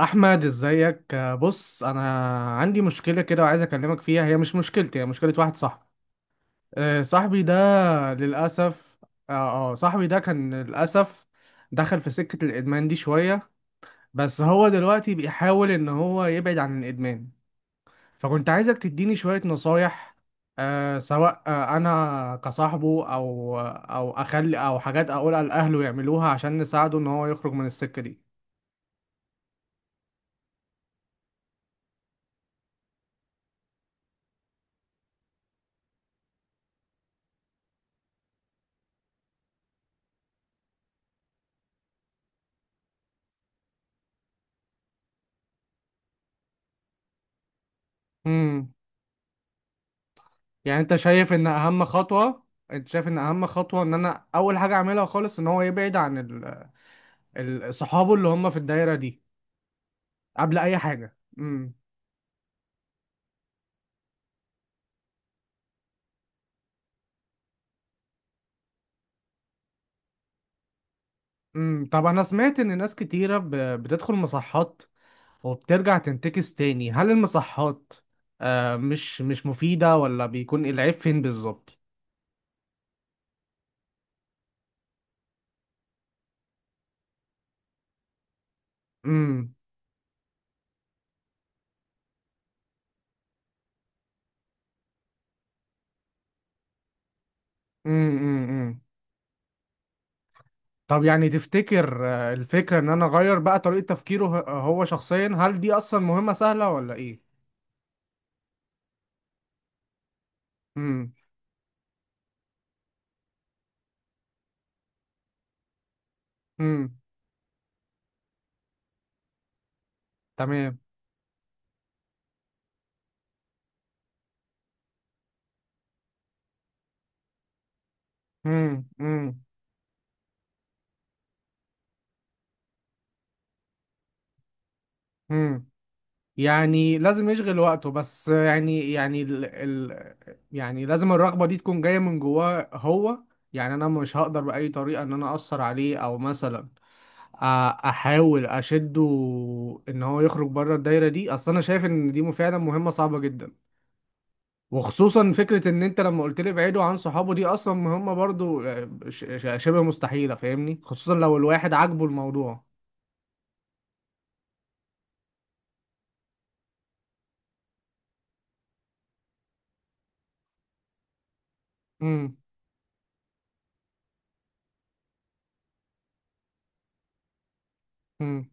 احمد، ازيك؟ بص، انا عندي مشكله كده وعايز اكلمك فيها. هي مش مشكلتي، هي مشكله واحد صاحبي. آه، صاحبي ده للاسف اه آه، صاحبي ده كان للاسف دخل في سكه الادمان دي شويه. بس هو دلوقتي بيحاول ان هو يبعد عن الادمان، فكنت عايزك تديني شويه نصايح، سواء انا كصاحبه او او اخلي او حاجات اقولها لاهله يعملوها عشان نساعده ان هو يخرج من السكه دي. يعني، انت شايف ان اهم خطوة ان انا اول حاجة اعملها خالص ان هو يبعد عن صحابه اللي هم في الدايرة دي قبل اي حاجة؟ طب، انا سمعت ان ناس كتيرة بتدخل مصحات وبترجع تنتكس تاني. هل المصحات مش مفيدة، ولا بيكون العيب فين بالظبط؟ امم أمم. طب، يعني تفتكر الفكرة ان انا اغير بقى طريقة تفكيره، هو، هو شخصيا؟ هل دي اصلا مهمة سهلة ولا ايه؟ امم. امم. تمام. امم امم امم يعني لازم يشغل وقته، بس يعني لازم الرغبة دي تكون جاية من جواه هو. يعني انا مش هقدر بأي طريقة ان انا اثر عليه، او مثلا أ- احاول اشده ان هو يخرج بره الدايرة دي. اصل انا شايف ان دي فعلا مهمة صعبة جدا، وخصوصا فكرة ان انت لما قلت لي ابعدوا عن صحابه دي، اصلا مهمة برضو، شبه مستحيلة، فاهمني، خصوصا لو الواحد عاجبه الموضوع. امم. امم.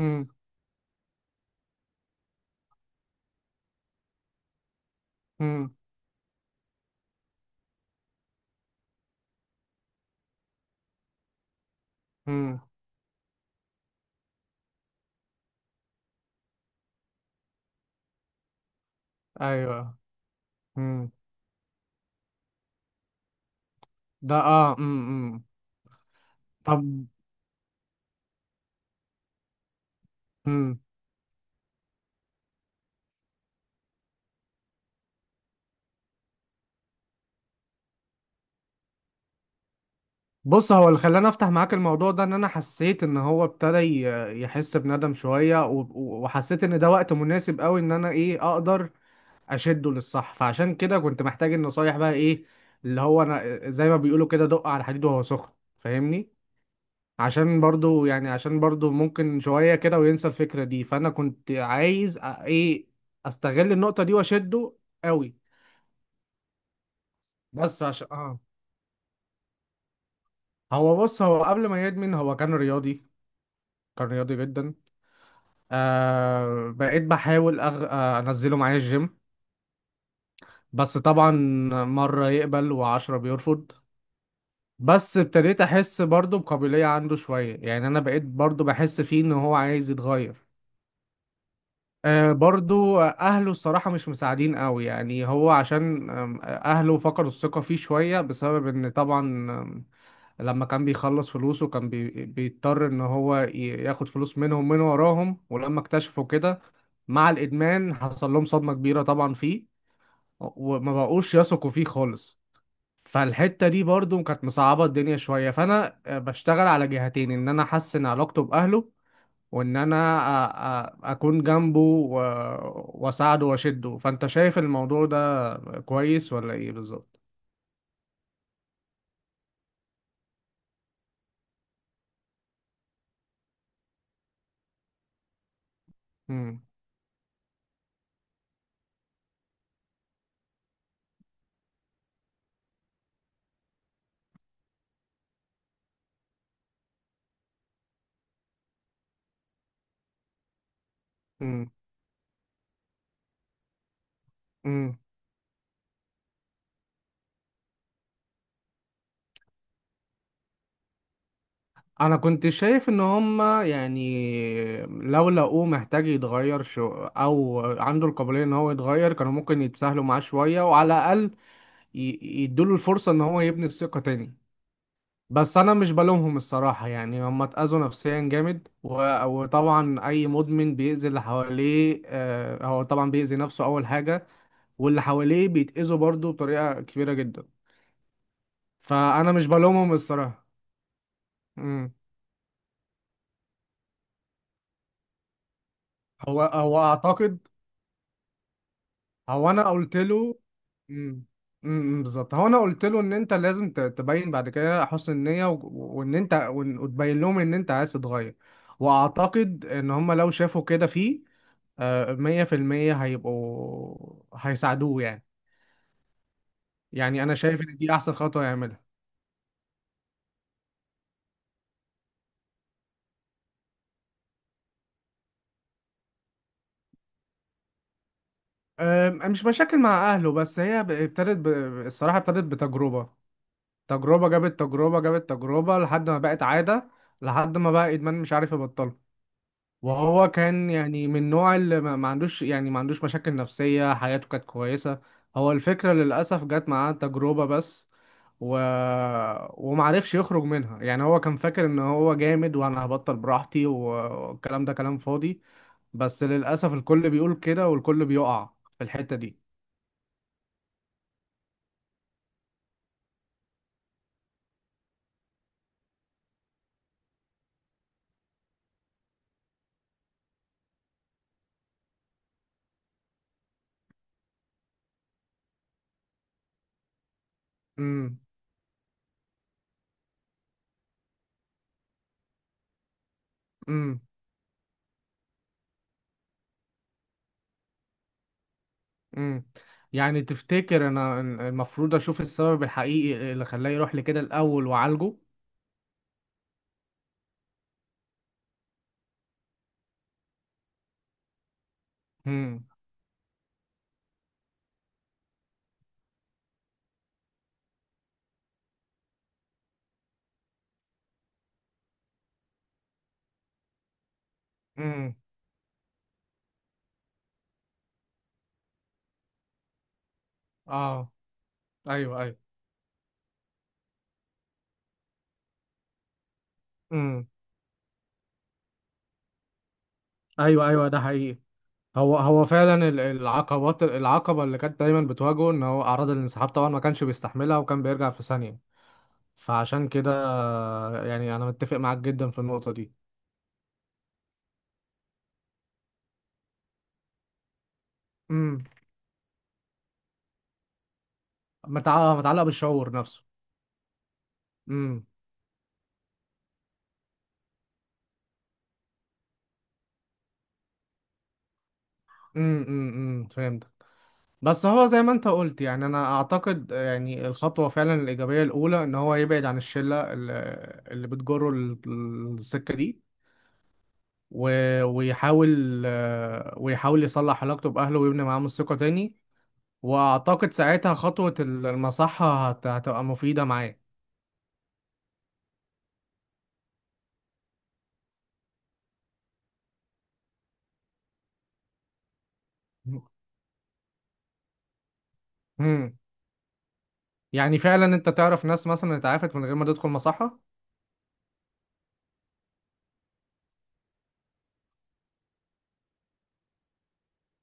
امم. امم، امم، ايوه. امم، ده اه. امم، طب. امم بص، هو اللي خلاني افتح معاك الموضوع ده، ان انا حسيت ان هو ابتدى يحس بندم شويه، وحسيت ان ده وقت مناسب قوي ان انا اقدر اشده للصح. فعشان كده كنت محتاج النصايح، بقى ايه، اللي هو انا زي ما بيقولوا كده، دق على الحديد وهو سخن، فاهمني. عشان برضو ممكن شويه كده وينسى الفكره دي، فانا كنت عايز أ- ايه استغل النقطه دي واشده قوي. بس عشان اه هو، بص، هو قبل ما يدمن هو كان رياضي، كان رياضي جدا. بقيت بحاول أغ... آه انزله معايا الجيم، بس طبعا مرة يقبل و10 بيرفض. بس ابتديت احس برضو بقابلية عنده شوية، يعني انا بقيت برضو بحس فيه ان هو عايز يتغير. برضو اهله الصراحة مش مساعدين قوي، يعني هو عشان اهله فقدوا الثقة فيه شوية بسبب ان طبعا لما كان بيخلص فلوسه كان بيضطر ان هو ياخد فلوس منهم من وراهم، ولما اكتشفوا كده مع الادمان حصل لهم صدمة كبيرة طبعا فيه، وما بقوش يثقوا فيه خالص. فالحتة دي برضو كانت مصعبة الدنيا شوية، فانا بشتغل على جهتين، ان انا احسن علاقته باهله، وان انا اكون جنبه واساعده واشده. فانت شايف الموضوع ده كويس ولا ايه بالظبط؟ امم انا كنت شايف ان هما، يعني لو لقوه محتاج يتغير شو او عنده القابليه ان هو يتغير، كانوا ممكن يتساهلوا معاه شويه، وعلى الاقل يدوله الفرصه ان هو يبني الثقه تاني. بس انا مش بلومهم الصراحه، يعني هما اتاذوا نفسيا جامد، وطبعا اي مدمن بيأذي اللي حواليه، هو طبعا بيأذي نفسه اول حاجه، واللي حواليه بيتأذوا برضه بطريقه كبيره جدا، فانا مش بلومهم الصراحه. مم. هو هو اعتقد هو انا قلت له. امم بالظبط، هو انا قلت له ان انت لازم تبين بعد كده حسن النيه، وتبين لهم ان انت عايز تتغير. واعتقد ان هم لو شافوا كده فيه، 100% هيبقوا هيساعدوه يعني. يعني انا شايف ان دي احسن خطوه يعملها. مش مشاكل مع اهله، بس هي الصراحه، ابتدت بتجربه. تجربه جابت تجربه جابت تجربه لحد ما بقت عاده، لحد ما بقى ادمان مش عارف يبطله. وهو كان، يعني، من نوع اللي ما عندوش مشاكل نفسية، حياته كانت كويسة. هو الفكرة للأسف جت معاه تجربة بس، و... ومعرفش يخرج منها. يعني هو كان فاكر ان هو جامد وانا هبطل براحتي، والكلام ده كلام فاضي، بس للأسف الكل بيقول كده والكل بيقع في الحتة دي. امم امم امم يعني تفتكر انا المفروض اشوف السبب الحقيقي اللي خلاه يروح لكده الأول وعالجه؟ امم. امم. اه. ايوه، ايوه. امم. ايوه، ايوه، ده حقيقي. هو فعلا ال- العقبات العقبه اللي كانت دايما بتواجهه ان هو اعراض الانسحاب طبعا ما كانش بيستحملها، وكان بيرجع في ثانيه، فعشان كده، يعني، انا متفق معاك جدا في النقطه دي. امم متعلق، متعلق بالشعور نفسه. امم امم فهمت. بس هو زي ما انت قلت، يعني انا اعتقد، يعني الخطوه فعلا الايجابيه الاولى ان هو يبعد عن الشله اللي بتجره السكه دي، ويحاول يصلح علاقته بأهله ويبني معاهم الثقة تاني، وأعتقد ساعتها خطوة المصحة هتبقى مفيدة معاه. مم. يعني فعلا أنت تعرف ناس مثلا اتعافت من غير ما تدخل مصحة؟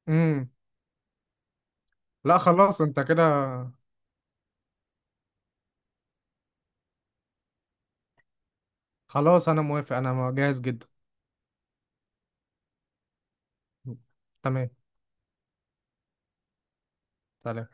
مم. لا، خلاص، أنت كده. خلاص، أنا موافق، أنا جاهز جدا. تمام. سلام.